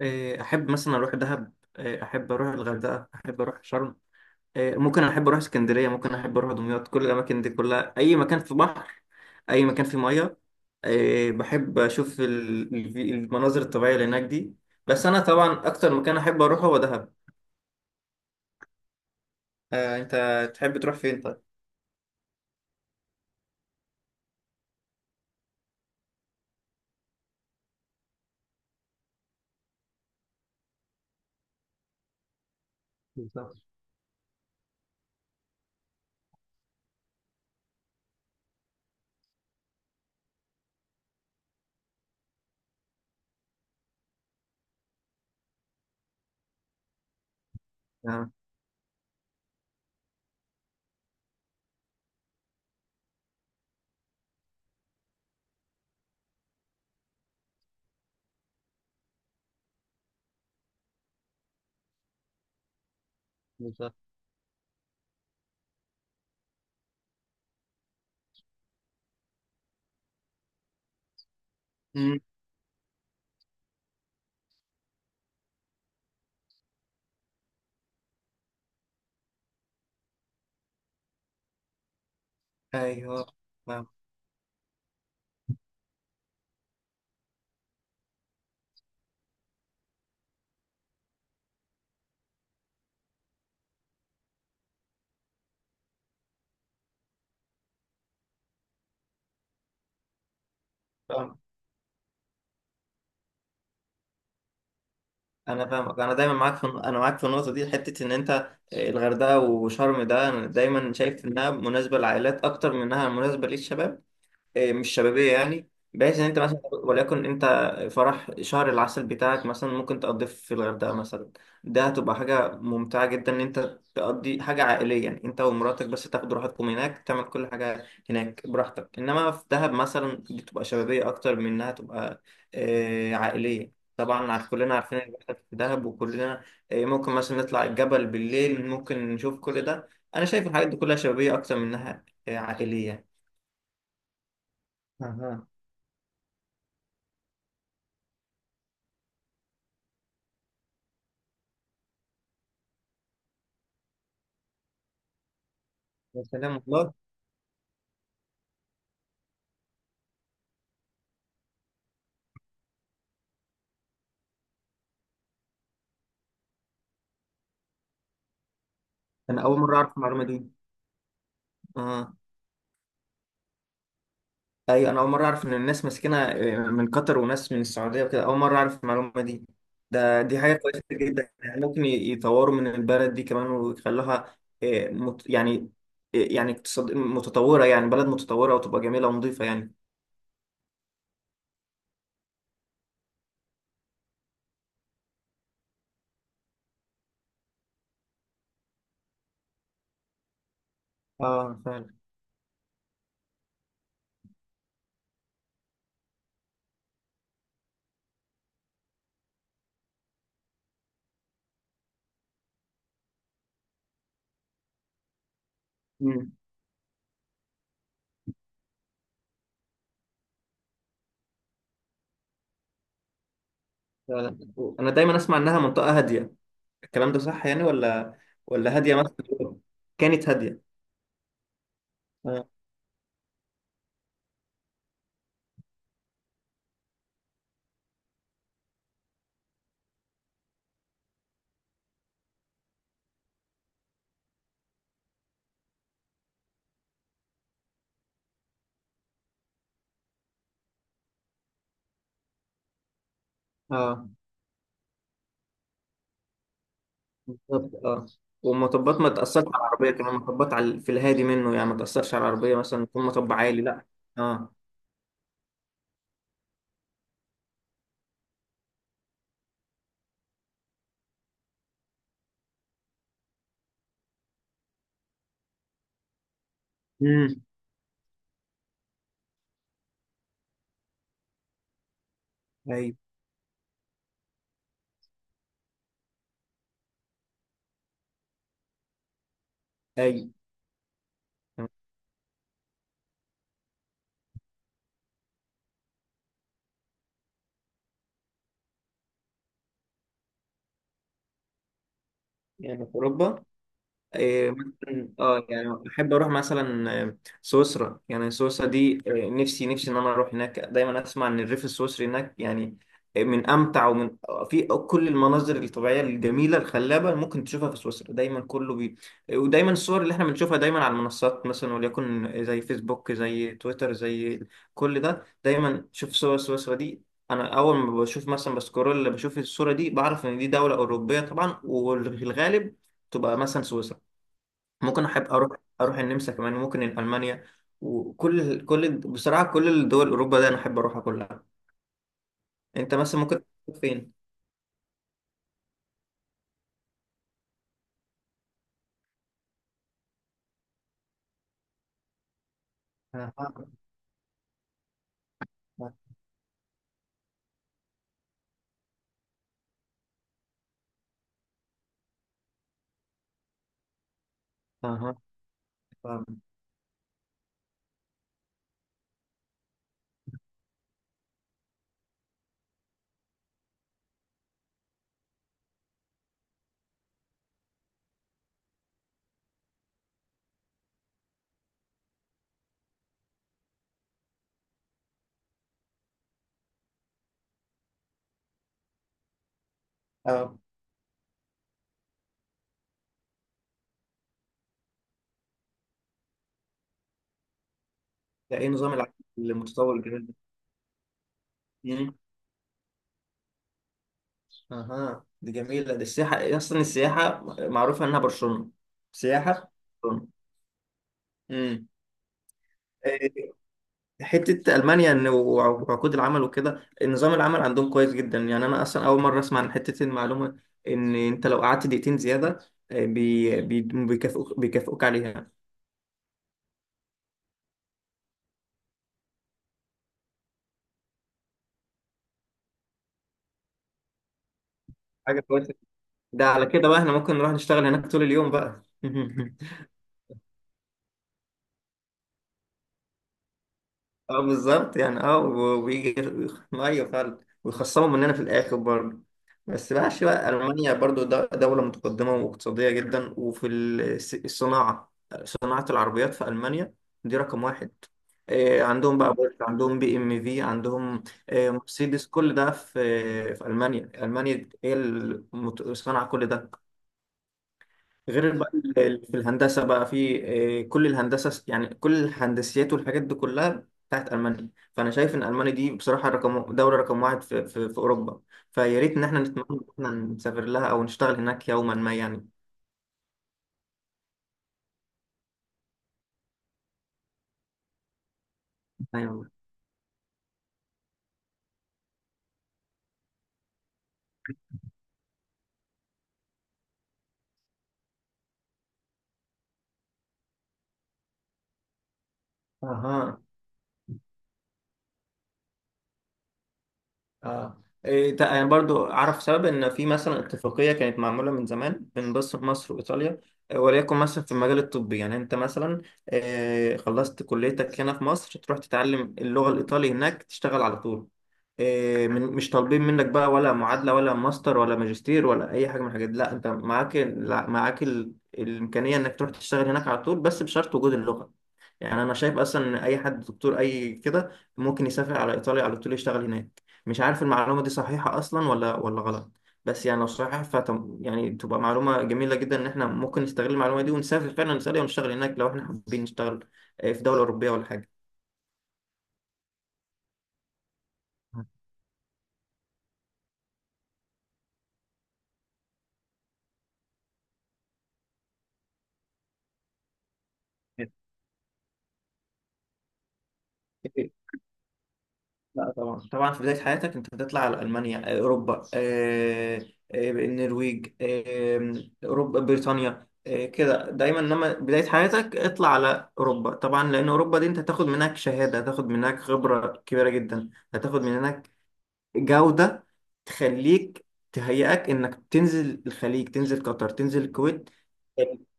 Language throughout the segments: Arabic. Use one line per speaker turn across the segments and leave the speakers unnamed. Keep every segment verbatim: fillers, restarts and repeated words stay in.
إيه، احب مثلا اروح دهب. إيه، احب اروح الغردقه، احب اروح شرم. إيه، ممكن احب اروح اسكندريه، ممكن احب اروح دمياط. كل الاماكن دي كلها اي مكان في بحر، اي مكان في ميه. إيه، بحب اشوف ال- ال- المناظر الطبيعيه اللي هناك دي. بس انا طبعا اكتر مكان احب اروحه هو دهب. آه، انت تحب تروح فين طيب؟ بالظبط. آه. بالظبط. مم. ايوه. فاهم. انا فاهمك، انا دايما معاك في انا معاك في النقطه دي، حته ان انت. آه، الغردقه وشرم ده انا دايما شايف انها مناسبه للعائلات اكتر من انها مناسبه للشباب. إيه، مش شبابية، يعني بحيث ان انت مثلا وليكن انت فرح شهر العسل بتاعك مثلا ممكن تقضيه في الغردقة مثلا. ده هتبقى حاجة ممتعة جدا ان انت تقضي حاجة عائلية، يعني انت ومراتك بس تاخدوا راحتكم هناك، تعمل كل حاجة هناك براحتك. انما في دهب مثلا دي بتبقى شبابية اكتر من انها تبقى آه، عائلية. طبعا عارف- كلنا عارفين اللي بيحصل في دهب، وكلنا آه، ممكن مثلا نطلع الجبل بالليل، ممكن نشوف كل ده. انا شايف الحاجات دي كلها شبابية اكتر من انها آه، عائلية. يا سلام والله. انا اول مره اعرف المعلومه دي. اه. ايوه، انا اول مره اعرف ان الناس ماسكينها آه، من قطر وناس من السعوديه وكده. اول مره اعرف المعلومه دي. ده دي حاجه كويسه جدا، يعني ممكن ي- يطوروا من البلد دي كمان ويخلوها آه، مت... يعني آه، يعني اقتصاد متطوره، يعني بلد متطوره وتبقى جميله ونظيفه يعني. اه فعلا. امم. فعلا. انا دايما اسمع انها منطقه هاديه. الكلام ده صح يعني ولا ولا هاديه مثلا؟ كانت هاديه. اه. بالظبط اه. والمطبات ما تأثرش على العربية كمان، مطبات على في الهادي منه يعني، ما تأثرش على العربية مثلا يكون مطب عالي، لا. اه. امم. اي. اي. يعني في أوروبا. إيه، مثلا اه يعني احب اروح مثلا آه، سويسرا. يعني سويسرا دي آه، نفسي نفسي ان انا اروح هناك. دايما اسمع ان الريف السويسري هناك يعني آه، من امتع ومن آه، في كل المناظر الطبيعيه الجميله الخلابه ممكن تشوفها في سويسرا. دايما كله بي آه، ودايما الصور اللي احنا بنشوفها دايما على المنصات مثلا وليكن زي فيسبوك زي تويتر، زي كل ده. دايما شوف صور سويسرا دي، انا اول ما بشوف مثلا بسكرول بشوف الصوره دي بعرف ان دي دوله اوروبيه طبعا، وفي الغالب تبقى مثلا سويسرا. ممكن احب اروح اروح النمسا كمان، وممكن المانيا. وكل كل بصراحه كل الدول اوروبا ده انا احب اروحها كلها. انت مثلا ممكن تروح فين؟ اها. اها. فاهم. اه. ده ايه نظام العالم المتطور الجديد ده؟ مم. اها، دي جميله، دي السياحه، اصلا السياحه معروفه انها برشلونه. سياحه. برشلونه. امم. حتة ألمانيا إن وعقود العمل وكده، نظام العمل عندهم كويس جدا يعني. أنا أصلا أول مرة أسمع عن حتة المعلومة إن أنت لو قعدت دقيقتين زيادة آه، بي بي بيكافئوك بيكافئوك عليها. حاجة كويسة. ده على كده بقى إحنا ممكن نروح نشتغل هناك طول اليوم بقى. أه بالظبط يعني، أه و- ويجي. أيوه فعلا، ويخصموا مننا في الآخر برضه. بس بقى عشان بقى ألمانيا برضو دو- دولة متقدمة واقتصادية جدا، وفي الس- الصناعة. صناعة العربيات في ألمانيا دي رقم واحد. إيه، عندهم بقى بورش، عندهم بي ام في، عندهم إيه، مرسيدس. كل ده في في ألمانيا. ألمانيا هي اللي مت- صنع كل ده. غير بقى ال- ال- في الهندسة بقى، في آه، كل الهندسة. يعني كل الهندسيات والحاجات دي كلها بتاعت ألمانيا. فأنا شايف إن ألمانيا دي بصراحة رقم دولة رقم واحد في, في, في أوروبا. فيا ريت إن إحنا نتمنى إن إحنا نسافر لها أو نشتغل هناك يوما ما يعني. أيوة. أها. اه إيه تق- يعني برضو اعرف سبب ان في مثلا اتفاقيه كانت معموله من زمان بين بص- مصر وايطاليا آه، وليكن مثلا في المجال الطبي. يعني انت مثلا آه، خلصت كليتك هنا في مصر، تروح تتعلم اللغه الايطالي هناك تشتغل على طول. آه، من مش طالبين منك بقى ولا معادله ولا ماستر ولا ماجستير، ولا اي حاجه من الحاجات دي. لا، انت معاك ال- معاك ال- الامكانيه انك تروح تشتغل هناك على طول، بس بشرط وجود اللغه. يعني انا شايف اصلا ان اي حد دكتور اي كده ممكن يسافر على ايطاليا على طول يشتغل هناك. مش عارف المعلومة دي صحيحة أصلا ولا ولا غلط. بس يعني لو صحيحة فتم، يعني تبقى معلومة جميلة جدا إن إحنا ممكن نستغل المعلومة دي ونسافر فعلا، نسافر ونشتغل هناك لو إحنا حابين نشتغل آه، في دولة أوروبية ولا حاجة. لا طبعا، طبعا في بداية حياتك أنت بتطلع على ألمانيا آه، أوروبا آه، آه، النرويج آه، أوروبا، بريطانيا آه، كده. دايما لما بداية حياتك اطلع على أوروبا طبعا، لأن أوروبا دي أنت هتاخد منك شهادة، هتاخد منك خبرة كبيرة جدا، هتاخد منك جودة، تخليك تهيئك انك تنزل الخليج، تنزل قطر، تنزل الكويت.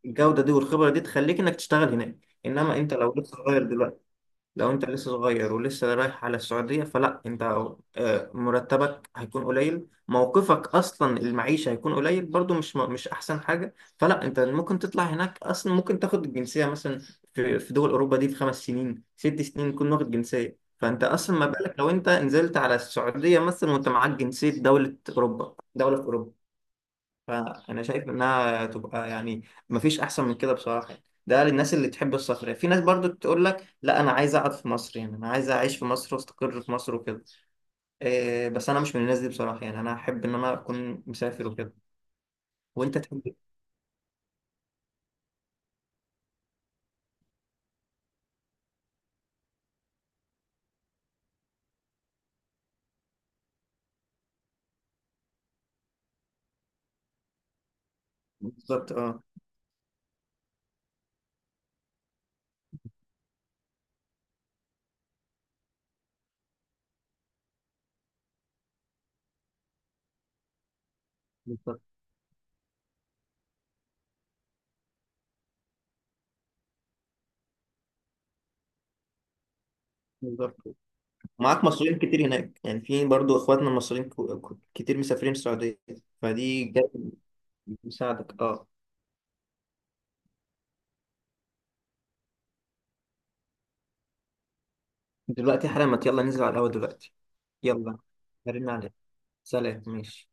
الجودة دي والخبرة دي تخليك انك تشتغل هناك. انما انت لو لسه صغير دلوقتي، لو انت لسه صغير ولسه رايح على السعودية، فلا انت آه، مرتبك هيكون قليل، موقفك اصلا المعيشة هيكون قليل برضو، مش مش احسن حاجة. فلا، انت ممكن تطلع هناك اصلا، ممكن تاخد الجنسية مثلا في في دول اوروبا دي، في خمس سنين ست سنين تكون واخد جنسية. فانت اصلا ما بالك لو انت نزلت على السعودية مثلا وانت معاك جنسية دولة اوروبا دولة في اوروبا. فانا شايف انها تبقى يعني مفيش احسن من كده بصراحه يعني. ده للناس اللي تحب السفر يعني. في ناس برضو تقول لك لا، انا عايز اقعد في مصر، يعني انا عايز اعيش في مصر واستقر في مصر وكده. إيه، بس انا مش من الناس دي بصراحه يعني، انا احب ان انا اكون مسافر وكده. وانت تحب إيه؟ بالظبط اه. بالظبط. بالظبط. معاك مصريين كتير هناك يعني، في برضو اخواتنا المصريين كو- كو- كتير مسافرين السعوديه. فدي جاية تساعدك اه. دلوقتي حالا، ما يلا ننزل على القهوه دلوقتي. يلا. هرن عليك. سلام ماشي.